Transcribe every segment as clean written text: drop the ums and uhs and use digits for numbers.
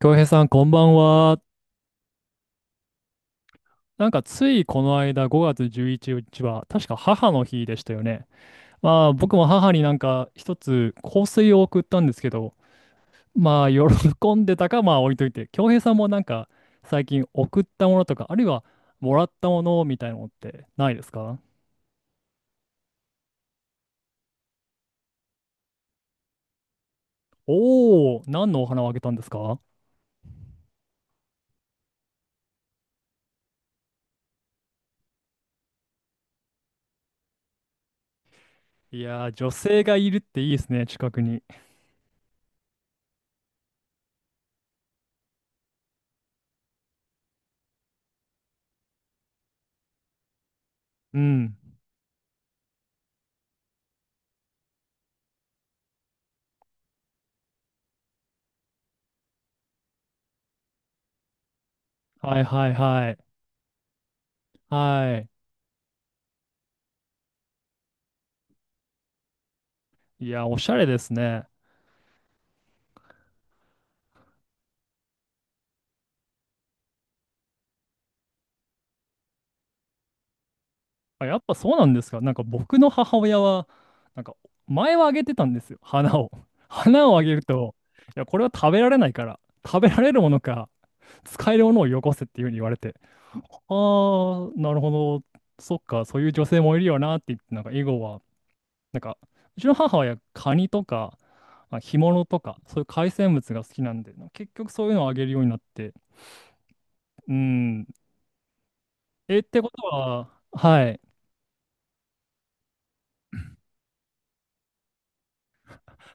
京平さん、こんばんは。なんか、ついこの間、5月11日は、確か母の日でしたよね。まあ、僕も母になんか、一つ香水を送ったんですけど、まあ、喜んでたか、まあ、置いといて、京平さんもなんか、最近送ったものとか、あるいは、もらったものみたいなのってないですか？おおー、何のお花をあげたんですか？いやー、女性がいるっていいですね、近くに。うん。はいはいはい。はい。いや、おしゃれですね。あ、やっぱそうなんですか？なんか僕の母親は、なんか前はあげてたんですよ。花を。花をあげると、いや、これは食べられないから、食べられるものか、使えるものをよこせっていうふうに言われて、ああ、なるほど。そっか、そういう女性もいるよなって言って、なんか以後は、なんか、うちの母親、カニとか、まあ干物とか、そういう海鮮物が好きなんで、結局そういうのをあげるようになって、うん。え、ってことは、はい。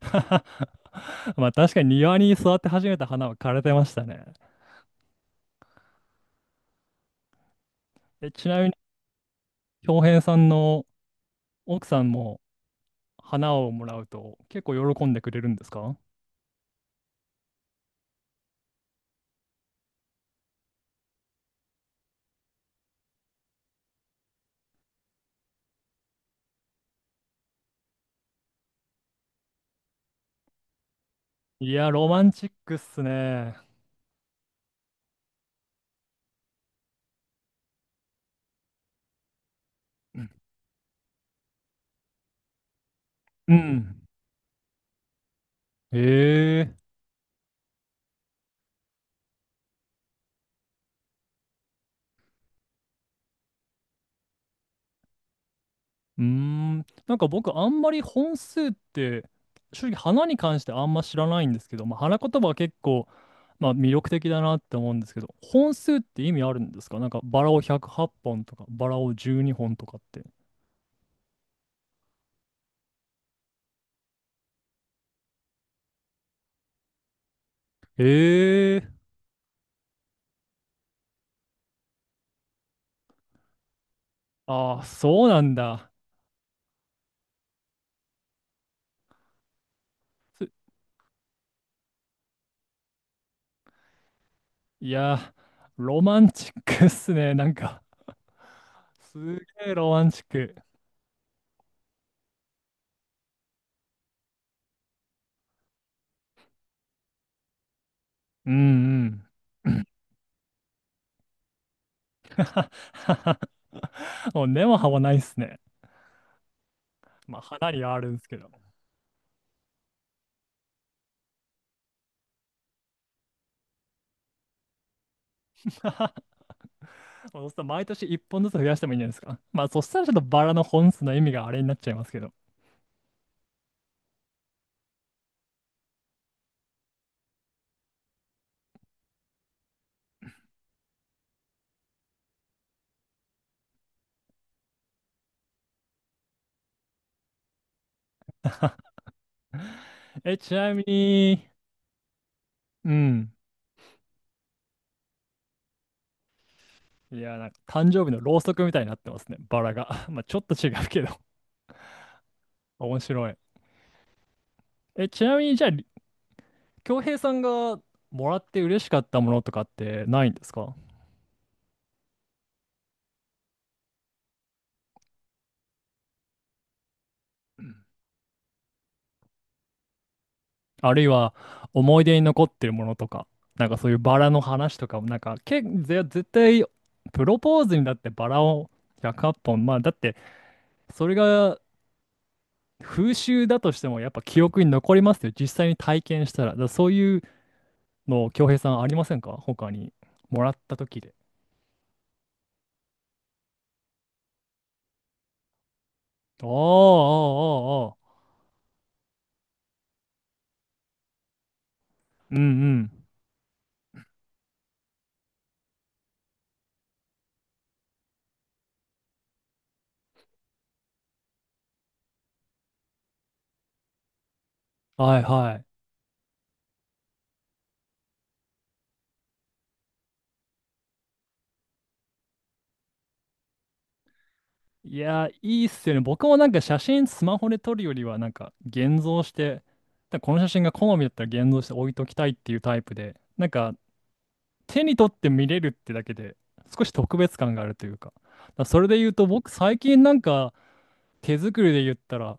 まあ確かに庭に育て始めた花は枯れてましたね。え、ちなみに、恭平さんの奥さんも花をもらうと結構喜んでくれるんですか？いや、ロマンチックっすね。うん。へえ。うーん。なんか僕、あんまり本数って、正直花に関してあんま知らないんですけど、まあ、花言葉は結構、まあ、魅力的だなって思うんですけど、本数って意味あるんですか？なんかバラを108本とか、バラを12本とかって。ええ。ああ、そうなんだ。すいや、ロマンチックっすね。なんか、すげえロマンチック。うんうん。もう根も葉もないっすね。まあ、花にはあるんですけど。そうすると毎年1本ずつ増やしてもいいんじゃないですか？まあ、そしたらちょっとバラの本数の意味があれになっちゃいますけど。え、ちなみに、うん。いや、なんか誕生日のろうそくみたいになってますね。バラが。まあ、ちょっと違うけど、面白い。え、ちなみに、じゃあ、恭平さんがもらって嬉しかったものとかってないんですか？あるいは思い出に残ってるものとか、なんかそういうバラの話とかも、なんか絶対プロポーズにだってバラを100本、まあだってそれが風習だとしてもやっぱ記憶に残りますよ。実際に体験したら。だからそういうの、恭平さんありませんか他に？もらった時で。ああ、ああ、ああ。うんうん。はいはい。いやー、いいっすよね。僕もなんか写真スマホで撮るよりは、なんか現像して、だからこの写真が好みだったら現像して置いときたいっていうタイプで、なんか手に取って見れるってだけで、少し特別感があるというか。だからそれで言うと、僕最近なんか手作りで言ったら、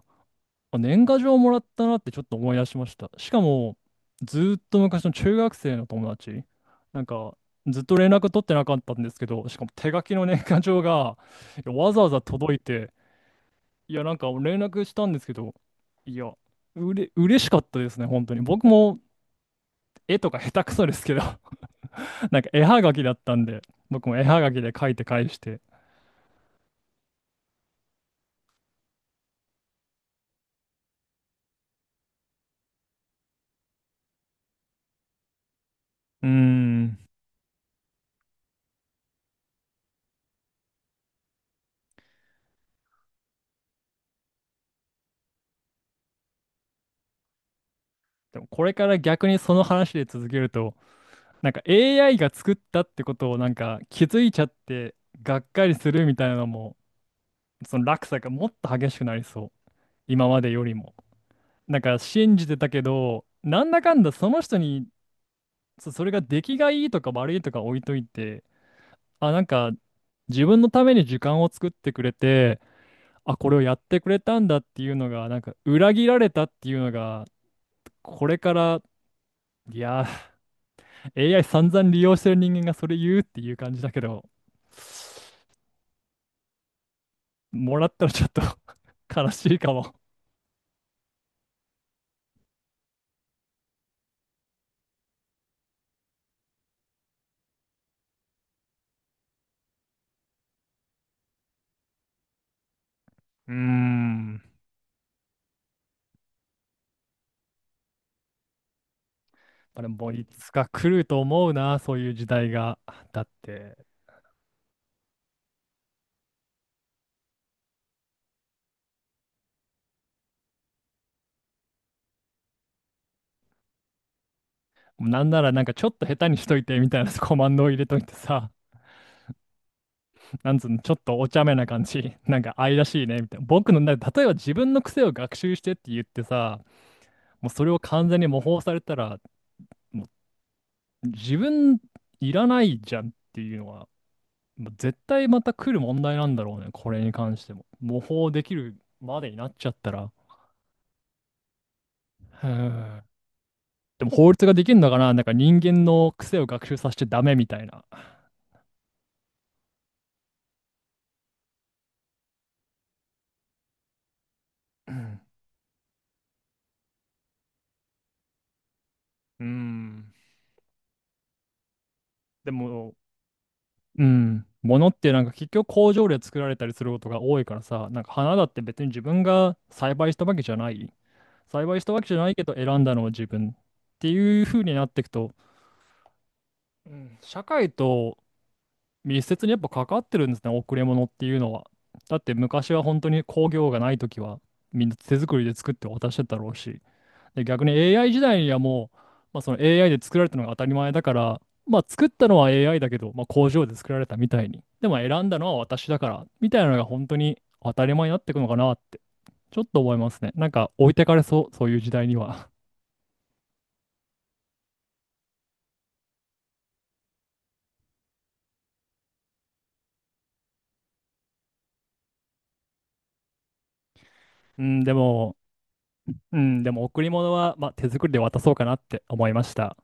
あ、年賀状もらったなってちょっと思い出しました。しかも、ずーっと昔の中学生の友達、なんかずっと連絡取ってなかったんですけど、しかも手書きの年賀状がいやわざわざ届いて、いや、なんか連絡したんですけど、いや、嬉しかったですね、本当に。僕も絵とか下手くそですけど なんか絵はがきだったんで、僕も絵はがきで書いて返して。うーん。でもこれから逆にその話で続けると、なんか AI が作ったってことをなんか気づいちゃってがっかりするみたいなのも、その落差がもっと激しくなりそう。今までよりも。なんか信じてたけど、なんだかんだその人に、それが出来がいいとか悪いとか置いといて、あ、なんか、自分のために時間を作ってくれて、あ、これをやってくれたんだっていうのが、なんか、裏切られたっていうのが、これから、いやー、AI 散々利用してる人間がそれ言うっていう感じだけど、もらったらちょっと 悲しいかも。うーん。まあでも、いつか来ると思うな、そういう時代が。だって、なんならなんかちょっと下手にしといてみたいなコマンドを入れといてさ、なんつうの、ちょっとお茶目な感じ。なんか愛らしいね、みたいな。僕の、例えば自分の癖を学習してって言ってさ、もうそれを完全に模倣されたら、もう自分いらないじゃんっていうのは、もう絶対また来る問題なんだろうね、これに関しても。模倣できるまでになっちゃったら。へー。でも法律ができるのかな、なんか人間の癖を学習させちゃダメみたいな。うん。うん。でも、うん。物ってなんか結局工場で作られたりすることが多いからさ、なんか花だって別に自分が栽培したわけじゃない。栽培したわけじゃないけど選んだのは自分っていう風になっていくと、うん、社会と密接にやっぱ関わってるんですね、贈り物っていうのは。だって昔は本当に工業がない時はみんな手作りで作って渡してたろうし。で、逆に AI 時代にはもう、まあ、その AI で作られたのが当たり前だから、まあ、作ったのは AI だけど、まあ、工場で作られたみたいに。でも選んだのは私だから、みたいなのが本当に当たり前になっていくのかなって、ちょっと思いますね。なんか置いてかれそう、そういう時代には。うん、でも、うん、でも贈り物は、まあ、手作りで渡そうかなって思いました。